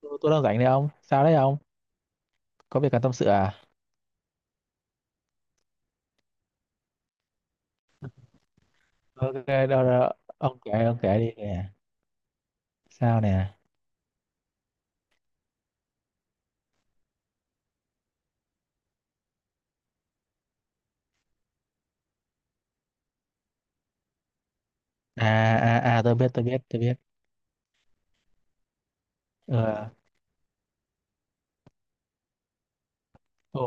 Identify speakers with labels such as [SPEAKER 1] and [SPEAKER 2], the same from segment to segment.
[SPEAKER 1] Tôi đang rảnh đấy ông. Sao đấy ông? Có việc cần tâm sự à? Ok, đâu, đâu. Ông kể, đi nè. Sao nè? À, tôi biết. Ờ, ồ,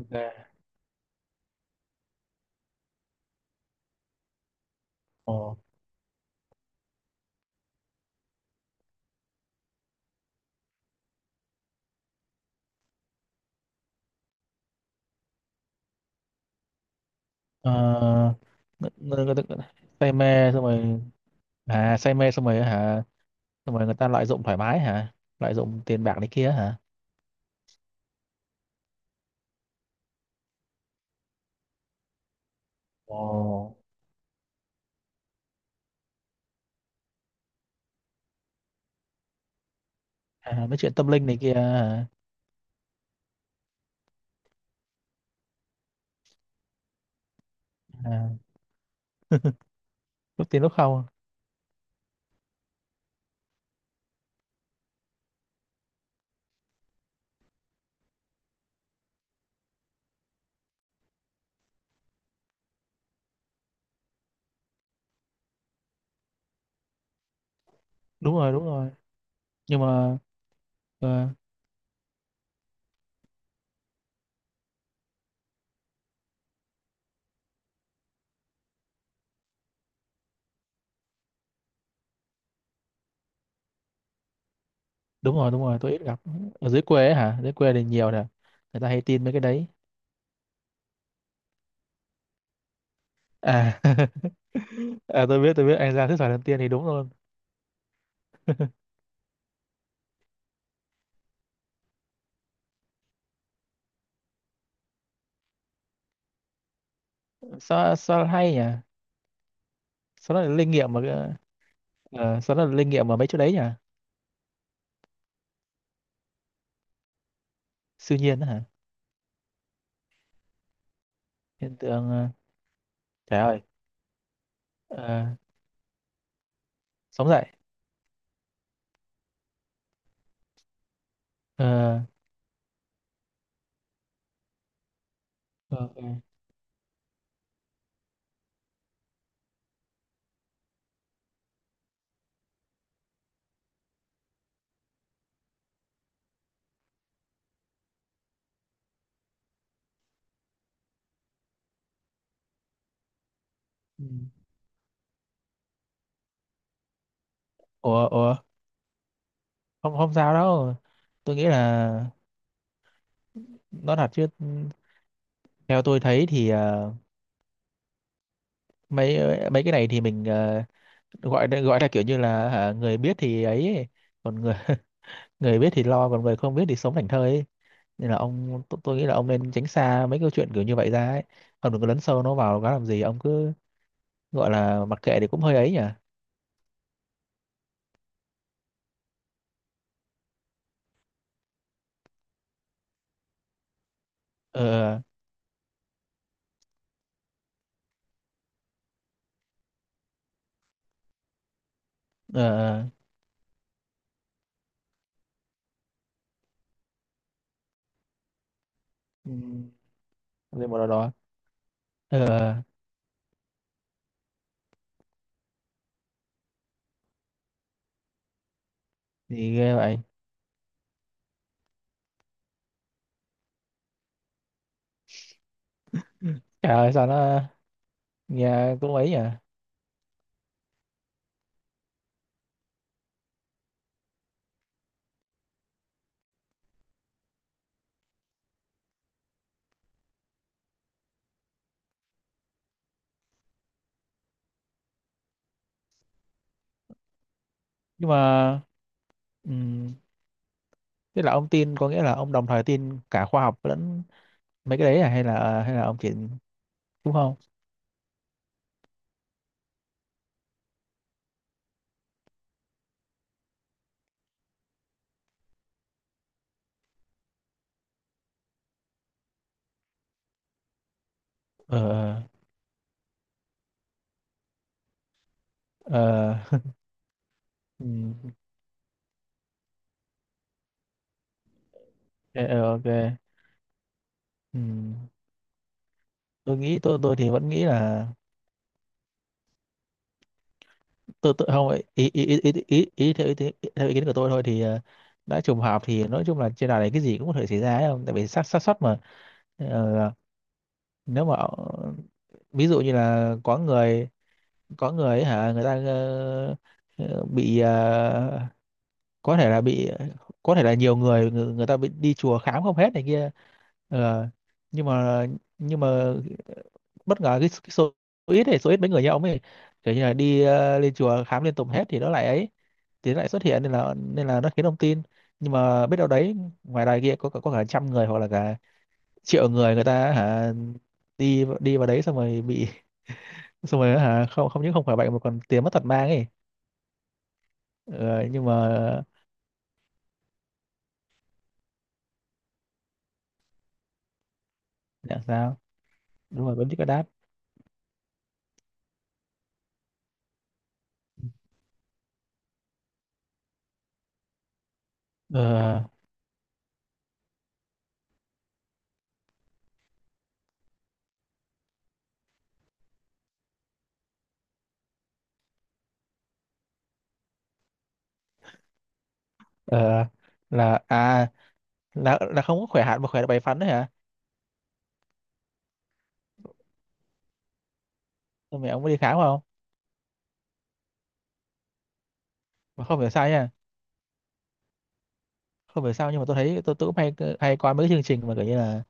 [SPEAKER 1] ok, ồ. Ờ, ng- ng- ng- Say mê xong rồi, à, say mê xong rồi hả? Xong rồi người ta lợi dụng thoải mái hả? Lợi dụng tiền bạc này kia hả? Ồ. À, mấy chuyện tâm linh này kia hả? À. Lúc tiền lúc không. Đúng rồi, đúng rồi. Nhưng mà, ờ, đúng rồi đúng rồi, tôi ít gặp. Ở dưới quê ấy hả? Dưới quê thì nhiều nè, người ta hay tin mấy cái đấy. À, à tôi biết tôi biết, anh ra sức khỏe lần tiên thì đúng luôn. Sao sao hay nhỉ. Sao nó là linh nghiệm mà cái- ờ, sao nó là linh nghiệm mà mấy chỗ đấy nhỉ? Siêu nhiên đó hả? Hiện tượng. Ờ, Trời ơi. Ờ. Sống dậy. Ờ ờ, ờ. Ừ. Ủa ủa, không không sao đâu. Tôi nghĩ là nó thật chứ. Theo tôi thấy thì mấy, mấy cái này thì mình, gọi là, gọi là kiểu như là hả, người biết thì ấy, còn người người biết thì lo, còn người không biết thì sống thảnh thơi ấy. Nên là ông, tôi nghĩ là ông nên tránh xa mấy câu chuyện kiểu như vậy ra ấy. Ông đừng có lấn sâu nó vào nó làm gì, ông cứ gọi là mặc kệ thì cũng hơi ấy nhỉ. Ờ ờ ờ, ừ, gì mà đó đó. Ờ thì ghê vậy. Trời ơi sao nó nghe cũng ấy nhỉ. Nhưng mà, ừm, tức là ông tin có nghĩa là ông đồng thời tin cả khoa học lẫn mấy cái đấy à? Hay là hay là ông chỉ, đúng không? Ờ ờ ờ. Ừ, ok. Ờ, ok. Ừ. Tôi nghĩ tôi thì vẫn nghĩ là tôi không. Ý ý ý ý, ý, ý, theo, ý, kiến- Theo ý kiến của tôi thôi thì, ờ, đã trùng hợp thì nói chung là trên đời này cái gì cũng có thể xảy ra ấy, không tại vì xác xác suất mà. Ờ. Nếu mà, ờ, ví dụ như là có người, có người ấy hả người ta, bị, ờ, có thể là bị, có thể là nhiều người người, người ta bị đi chùa khám không hết này kia. Ờ, nhưng mà, nhưng mà bất ngờ cái số ít này, số ít mấy người như ông ấy, kiểu như là đi, ờ, lên chùa khám liên tục hết thì nó lại ấy, thì nó lại xuất hiện nên là, nên là nó khiến ông tin. Nhưng mà biết đâu đấy, ngoài đài kia có cả trăm người hoặc là cả triệu người, người ta hả đi đi vào đấy xong rồi bị xong rồi hả, không không những không khỏi bệnh mà còn tiền mất tật mang ấy. Ờ, nhưng mà. Dạ sao? Đúng rồi vẫn chỉ có đáp. ờ, ờ, là à, là không có khỏe hẳn mà khỏe được bảy phần đấy hả? Xong rồi ông có đi khám không? Mà không hiểu sao nha. Không hiểu sao nhưng mà tôi thấy tôi cũng hay, hay coi mấy cái chương trình mà kiểu như là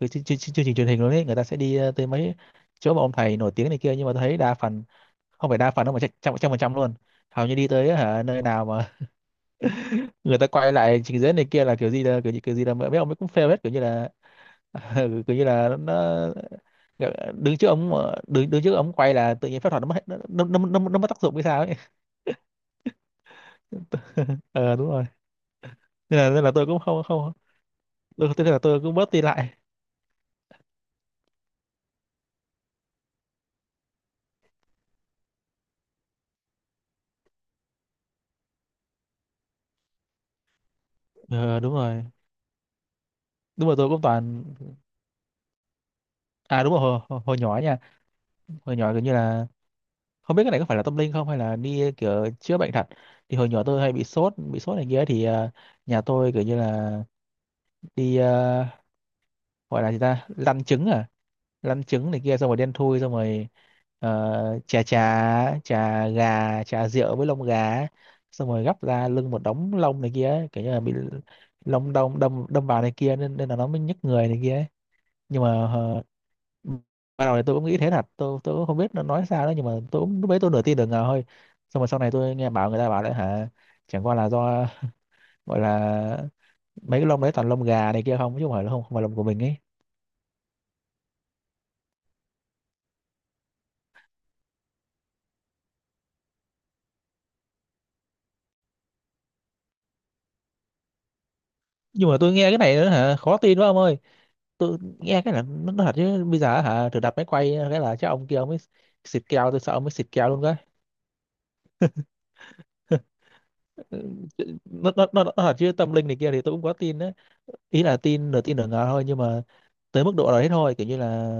[SPEAKER 1] từ chương trình truyền hình luôn ấy, người ta sẽ đi, ờ, tới mấy chỗ mà ông thầy nổi tiếng này kia, nhưng mà tôi thấy đa phần, không phải đa phần đâu mà chắc- trăm trăm phần trăm luôn, hầu như đi tới hả, nơi nào mà người ta quay lại trình diễn này kia là kiểu gì là mấy ông ấy cũng fail hết, kiểu như là kiểu như là nó đứng trước ống mà- đứng đứng trước ống quay là tự nhiên phép thuật nó nó mất tác dụng hay sao ấy. Ờ đúng rồi. Nên là, nên là tôi cũng không không, tôi là tôi cũng bớt đi lại. Ờ đúng rồi tôi cũng toàn. À đúng rồi hồi nhỏ ấy nha, hồi nhỏ kiểu như là không biết cái này có phải là tâm linh không hay là đi kiểu chữa bệnh thật. Thì hồi nhỏ tôi hay bị sốt này kia ấy, thì, ờ, nhà tôi kiểu như là đi, ờ, gọi là gì ta, lăn trứng à, lăn trứng này kia xong rồi đen thui xong rồi, chà chà rượu với lông gà ấy. Xong rồi gắp ra lưng một đống lông này kia ấy, kiểu như là bị lông đâm đâm đâm vào này kia nên nên là nó mới nhức người này kia ấy. Nhưng mà, ban đầu thì tôi cũng nghĩ thế thật, tôi cũng không biết nó nói sao đó, nhưng mà tôi cũng lúc đấy tôi nửa tin nửa ngờ thôi. Xong rồi sau này tôi nghe bảo, người ta bảo đấy hả, chẳng qua là do gọi là mấy cái lông đấy toàn lông gà này kia không, chứ không phải là không phải lông của mình ấy. Nhưng mà tôi nghe cái này nữa hả, khó tin quá ông ơi. Tôi nghe cái là nó thật chứ, bây giờ hả thử đặt máy quay cái là chắc ông ấy xịt keo, tôi sợ ông ấy xịt keo luôn cái. Nó thật chứ tâm linh này kia thì tôi cũng có tin đấy, ý là tin nửa ngờ thôi, nhưng mà tới mức độ đấy thôi, kiểu như là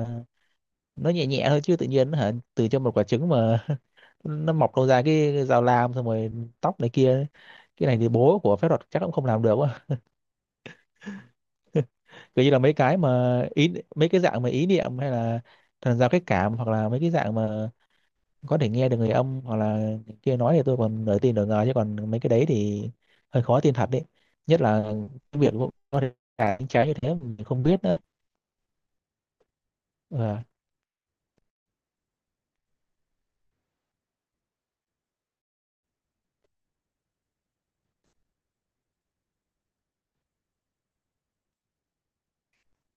[SPEAKER 1] nó nhẹ nhẹ thôi, chứ tự nhiên hả từ cho một quả trứng mà nó mọc đâu ra cái dao lam xong rồi tóc này kia, cái này thì bố của phép thuật chắc cũng không làm được quá. Kiểu như là mấy cái mà ý, mấy cái dạng mà ý niệm hay là thần giao cách cảm, hoặc là mấy cái dạng mà có thể nghe được người âm hoặc là kia nói thì tôi còn nửa tin nửa ngờ, chứ còn mấy cái đấy thì hơi khó tin thật đấy, nhất là cái việc có thể cả những trái như thế mình không biết nữa. Ờ.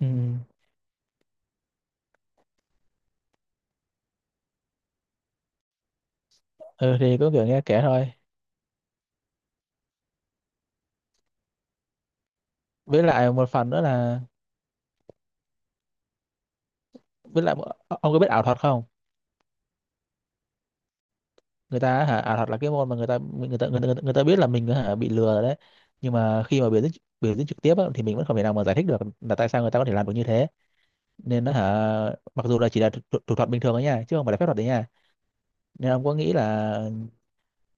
[SPEAKER 1] Ừ. Ừ thì cứ kiểu nghe kể thôi. Với lại một phần nữa là, với lại ông có biết ảo thuật không? Người ta hả, ảo thuật là cái môn mà người ta biết là mình hả bị lừa rồi đấy, nhưng mà khi mà biểu diễn trực tiếp á, thì mình vẫn không thể nào mà giải thích được là tại sao người ta có thể làm được như thế, nên nó hả, mặc dù là chỉ là thủ, thủ thủ thuật bình thường ấy nha, chứ không phải là phép thuật đấy nha. Nên ông có nghĩ là,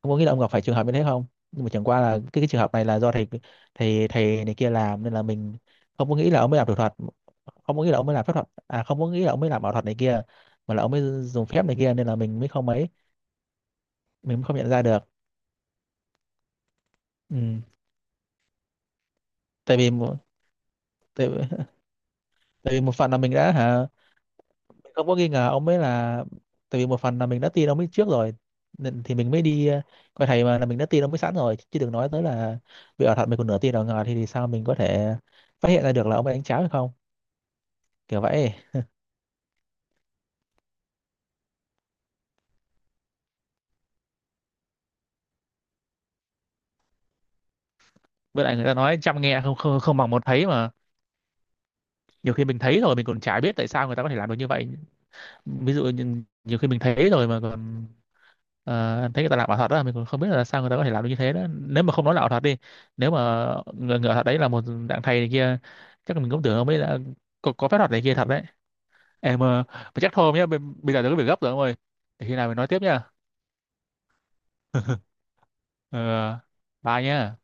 [SPEAKER 1] ông có nghĩ là ông gặp phải trường hợp như thế không? Nhưng mà chẳng qua là cái trường hợp này là do thầy thầy thầy này kia làm nên là mình không có nghĩ là ông mới làm thủ thuật, không có nghĩ là ông mới làm phép thuật à, không có nghĩ là ông mới làm ảo thuật này kia mà là ông mới dùng phép này kia nên là mình mới không ấy, mình không nhận ra được. Ừ. Tại vì một, tại, tại vì một phần là mình đã hả, mình không có nghi ngờ ông ấy là, tại vì một phần là mình đã tin ông ấy trước rồi, nên thì mình mới đi, ờ, coi thầy mà, là mình đã tin ông ấy sẵn rồi, chứ đừng nói tới là vì ở thật mình còn nửa tin ở ngờ thì sao mình có thể phát hiện ra được là ông ấy đánh cháo hay không, kiểu vậy. Với lại người ta nói trăm nghe không không không bằng một thấy mà, nhiều khi mình thấy rồi mình còn chả biết tại sao người ta có thể làm được như vậy. Ví dụ như, nhiều khi mình thấy rồi mà còn, ờ, em thấy người ta làm ảo thuật đó mình còn không biết là sao người ta có thể làm được như thế đó, nếu mà không nói là ảo thuật đi, nếu mà người ảo thuật đấy là một dạng thầy này kia chắc là mình cũng tưởng ông ấy là có phép thuật này kia thật đấy. Em, ờ, mà chắc thôi ông nhé, bây giờ tôi có việc gấp rồi ông ơi, để khi nào mình nói tiếp nha. Ờ, bye nhé.